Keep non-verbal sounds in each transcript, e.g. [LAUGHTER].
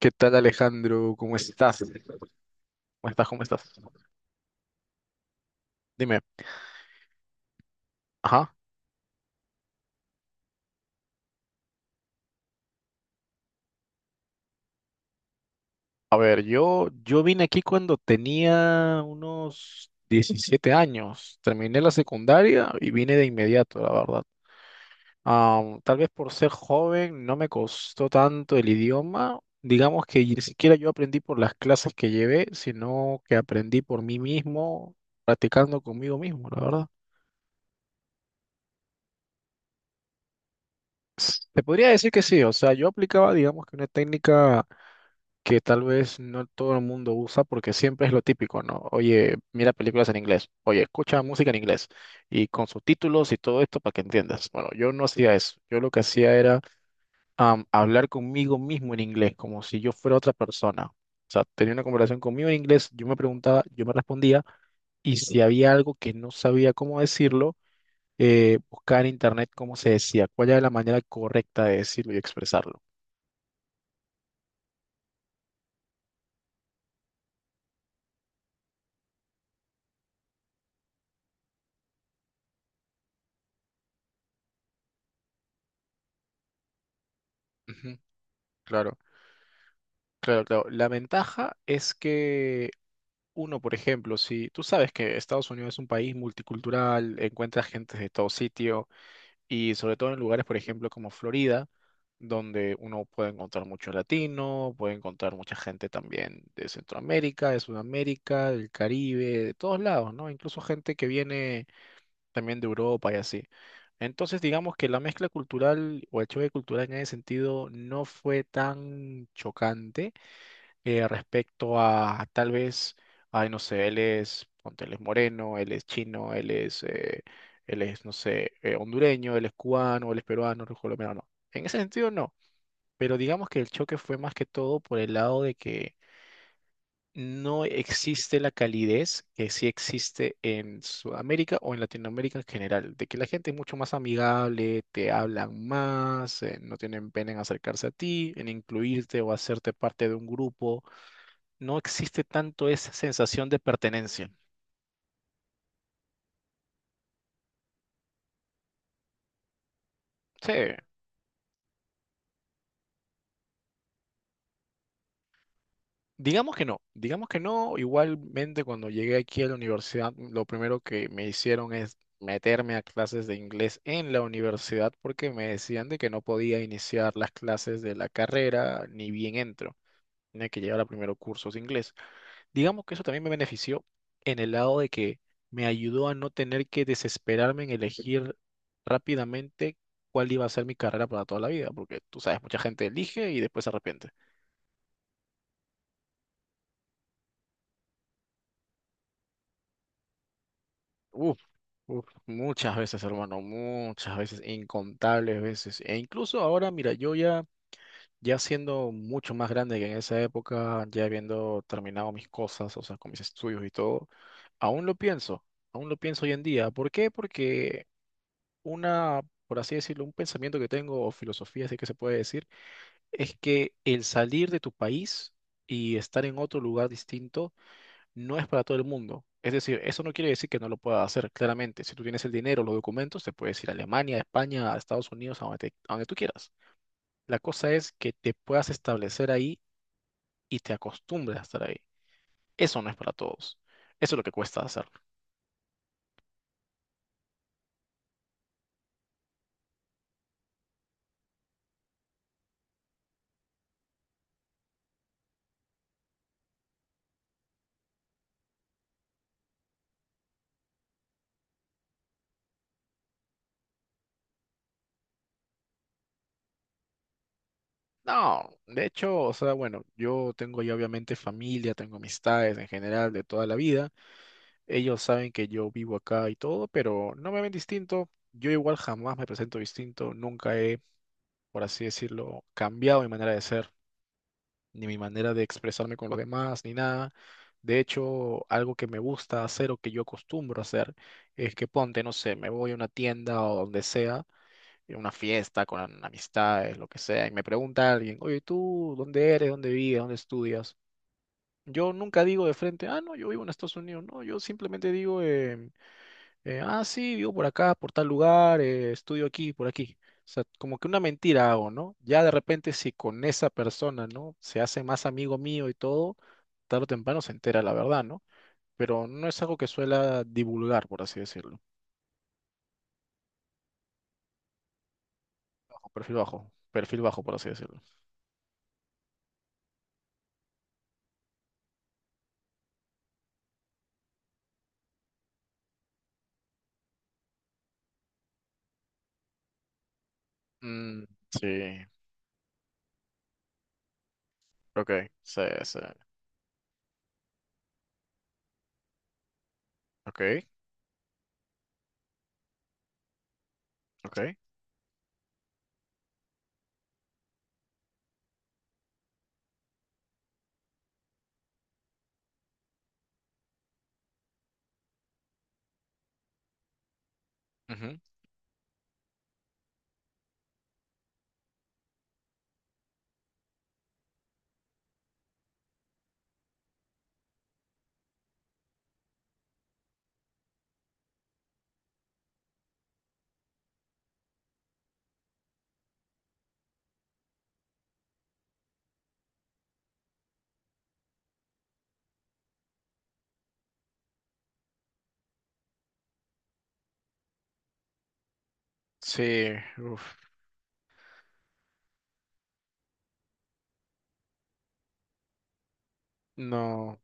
¿Qué tal, Alejandro? ¿Cómo estás? ¿Cómo estás? ¿Cómo estás? Dime. Ajá. A ver, yo vine aquí cuando tenía unos 17 años. Terminé la secundaria y vine de inmediato, la verdad. Tal vez por ser joven no me costó tanto el idioma. Digamos que ni siquiera yo aprendí por las clases que llevé, sino que aprendí por mí mismo, practicando conmigo mismo, la verdad. Se podría decir que sí, o sea, yo aplicaba, digamos, que una técnica que tal vez no todo el mundo usa porque siempre es lo típico, ¿no? Oye, mira películas en inglés, oye, escucha música en inglés y con subtítulos y todo esto para que entiendas. Bueno, yo no hacía eso, yo lo que hacía era hablar conmigo mismo en inglés, como si yo fuera otra persona. O sea, tenía una conversación conmigo en inglés, yo me preguntaba, yo me respondía, y si había algo que no sabía cómo decirlo, buscar en internet cómo se decía, cuál era la manera correcta de decirlo y expresarlo. Ujú. Claro. Claro, claro. La ventaja es que uno, por ejemplo, si tú sabes que Estados Unidos es un país multicultural, encuentra gente de todo sitio, y sobre todo en lugares, por ejemplo, como Florida, donde uno puede encontrar mucho latino, puede encontrar mucha gente también de Centroamérica, de Sudamérica, del Caribe, de todos lados, ¿no? Incluso gente que viene también de Europa y así. Entonces, digamos que la mezcla cultural o el choque cultural en ese sentido no fue tan chocante, respecto a tal vez, ay, no sé, él es, ponte, él es moreno, él es chino, él es, no sé, hondureño, él es cubano, él es peruano, él es colombiano, no. En ese sentido, no. Pero digamos que el choque fue más que todo por el lado de que no existe la calidez que sí existe en Sudamérica o en Latinoamérica en general, de que la gente es mucho más amigable, te hablan más, no tienen pena en acercarse a ti, en incluirte o hacerte parte de un grupo. No existe tanto esa sensación de pertenencia. Sí, digamos que no, digamos que no. Igualmente, cuando llegué aquí a la universidad, lo primero que me hicieron es meterme a clases de inglés en la universidad porque me decían de que no podía iniciar las clases de la carrera ni bien entro. Tenía que llevar a primero cursos de inglés. Digamos que eso también me benefició en el lado de que me ayudó a no tener que desesperarme en elegir rápidamente cuál iba a ser mi carrera para toda la vida, porque tú sabes, mucha gente elige y después se arrepiente. Uf, uf, muchas veces, hermano, muchas veces, incontables veces. E incluso ahora, mira, yo ya, ya siendo mucho más grande que en esa época, ya habiendo terminado mis cosas, o sea, con mis estudios y todo, aún lo pienso, aún lo pienso hoy en día. ¿Por qué? Porque una, por así decirlo, un pensamiento que tengo o filosofía, así que se puede decir, es que el salir de tu país y estar en otro lugar distinto no es para todo el mundo. Es decir, eso no quiere decir que no lo puedas hacer, claramente. Si tú tienes el dinero, los documentos, te puedes ir a Alemania, a España, a Estados Unidos, a donde, a donde tú quieras. La cosa es que te puedas establecer ahí y te acostumbres a estar ahí. Eso no es para todos. Eso es lo que cuesta hacer. No, de hecho, o sea, bueno, yo tengo ya obviamente familia, tengo amistades en general de toda la vida. Ellos saben que yo vivo acá y todo, pero no me ven distinto. Yo igual jamás me presento distinto, nunca he, por así decirlo, cambiado mi manera de ser, ni mi manera de expresarme con los demás, ni nada. De hecho, algo que me gusta hacer o que yo acostumbro a hacer es que ponte, no sé, me voy a una tienda o donde sea, en una fiesta con amistades, lo que sea, y me pregunta alguien: oye, ¿tú dónde eres? ¿Dónde vives? ¿Dónde estudias? Yo nunca digo de frente, ah, no, yo vivo en Estados Unidos, no, yo simplemente digo, ah, sí, vivo por acá, por tal lugar, estudio aquí, por aquí. O sea, como que una mentira hago, ¿no? Ya de repente si con esa persona, ¿no? Se hace más amigo mío y todo, tarde o temprano se entera la verdad, ¿no? Pero no es algo que suela divulgar, por así decirlo. Bajo, perfil bajo, perfil bajo, por así decirlo. Mm, sí. Ok, sí, sí. Ok, ok. Ujú. Sí, uf, no,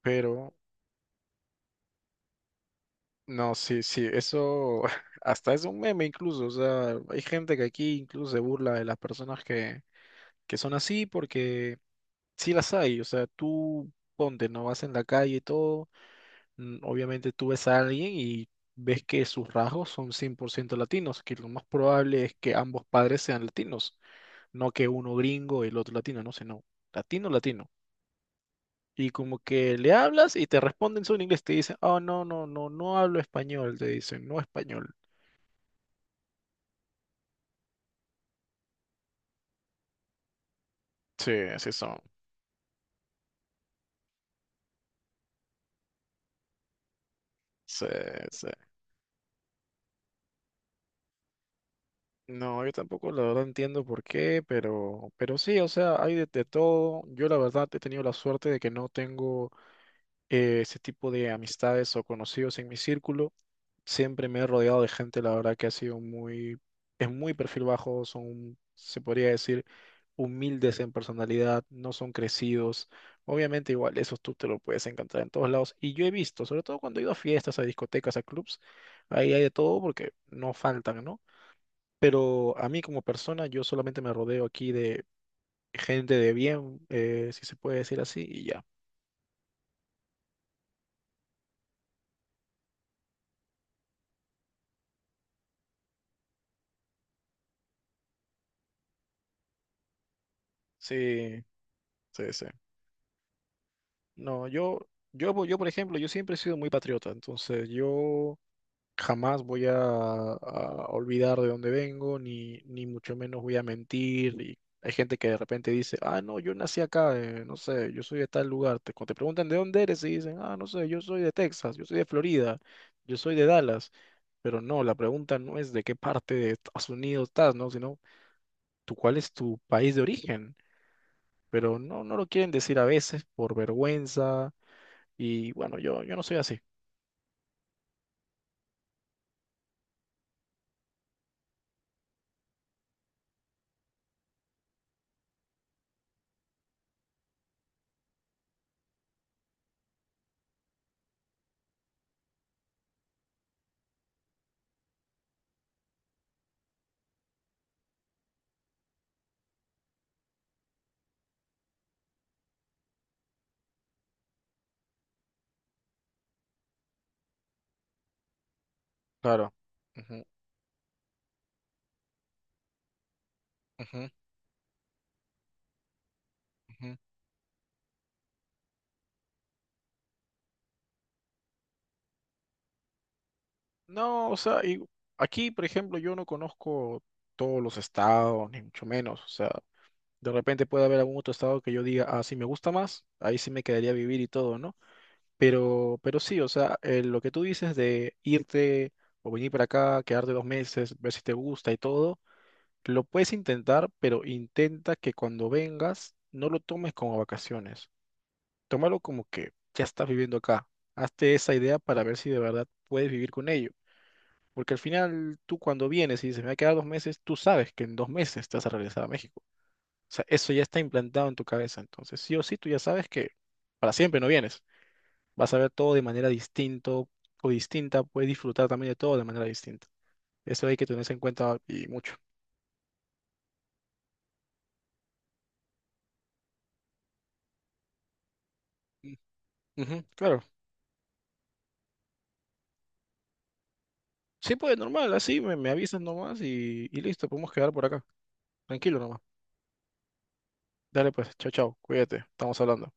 pero no, sí, sí, eso [LAUGHS] hasta es un meme incluso, o sea, hay gente que aquí incluso se burla de las personas que son así porque sí las hay, o sea, tú ponte, no vas en la calle y todo, mm, obviamente tú ves a alguien y ves que sus rasgos son 100% latinos, que lo más probable es que ambos padres sean latinos, no que uno gringo y el otro latino, no, sino latino, latino. Y como que le hablas y te responden solo en inglés, te dicen, oh, no, no, no, no hablo español, te dicen, no español. Sí, así son. Sí, sí. No, yo tampoco la verdad entiendo por qué, pero sí, o sea, hay de todo. Yo la verdad he tenido la suerte de que no tengo ese tipo de amistades o conocidos en mi círculo. Siempre me he rodeado de gente, la verdad que ha sido muy, es muy perfil bajo, son, se podría decir, humildes en personalidad, no son crecidos. Obviamente igual, esos tú te lo puedes encontrar en todos lados. Y yo he visto, sobre todo cuando he ido a fiestas, a discotecas, a clubs, ahí hay de todo porque no faltan, ¿no? Pero a mí como persona, yo solamente me rodeo aquí de gente de bien, si se puede decir así, y ya. Sí, sí, sí. No, yo, por ejemplo, yo siempre he sido muy patriota, entonces yo... jamás voy a olvidar de dónde vengo, ni mucho menos voy a mentir. Y hay gente que de repente dice, ah, no, yo nací acá, no sé, yo soy de tal lugar. Cuando te preguntan de dónde eres, y dicen, ah, no sé, yo soy de Texas, yo soy de Florida, yo soy de Dallas. Pero no, la pregunta no es de qué parte de Estados Unidos estás, ¿no? Sino, tú, ¿cuál es tu país de origen? Pero no, no lo quieren decir a veces por vergüenza. Y bueno, yo no soy así. Claro. Ujú, ujú, ujú. No, o sea, y aquí, por ejemplo, yo no conozco todos los estados, ni mucho menos. O sea, de repente puede haber algún otro estado que yo diga, ah, sí me gusta más, ahí sí me quedaría a vivir y todo, ¿no? Pero sí, o sea, lo que tú dices de irte o venir para acá, quedarte 2 meses, ver si te gusta y todo, lo puedes intentar, pero intenta que cuando vengas no lo tomes como vacaciones. Tómalo como que ya estás viviendo acá. Hazte esa idea para ver si de verdad puedes vivir con ello. Porque al final tú cuando vienes y dices, me voy a quedar 2 meses, tú sabes que en 2 meses te vas a regresar a México. O sea, eso ya está implantado en tu cabeza. Entonces, sí o sí, tú ya sabes que para siempre no vienes. Vas a ver todo de manera distinto o distinta, puedes disfrutar también de todo de manera distinta. Eso hay que tenerse en cuenta y mucho. Mm, ujú, claro. Sí, pues normal, así me avisas nomás y listo, podemos quedar por acá. Tranquilo nomás. Dale, pues, chao, chao, cuídate, estamos hablando.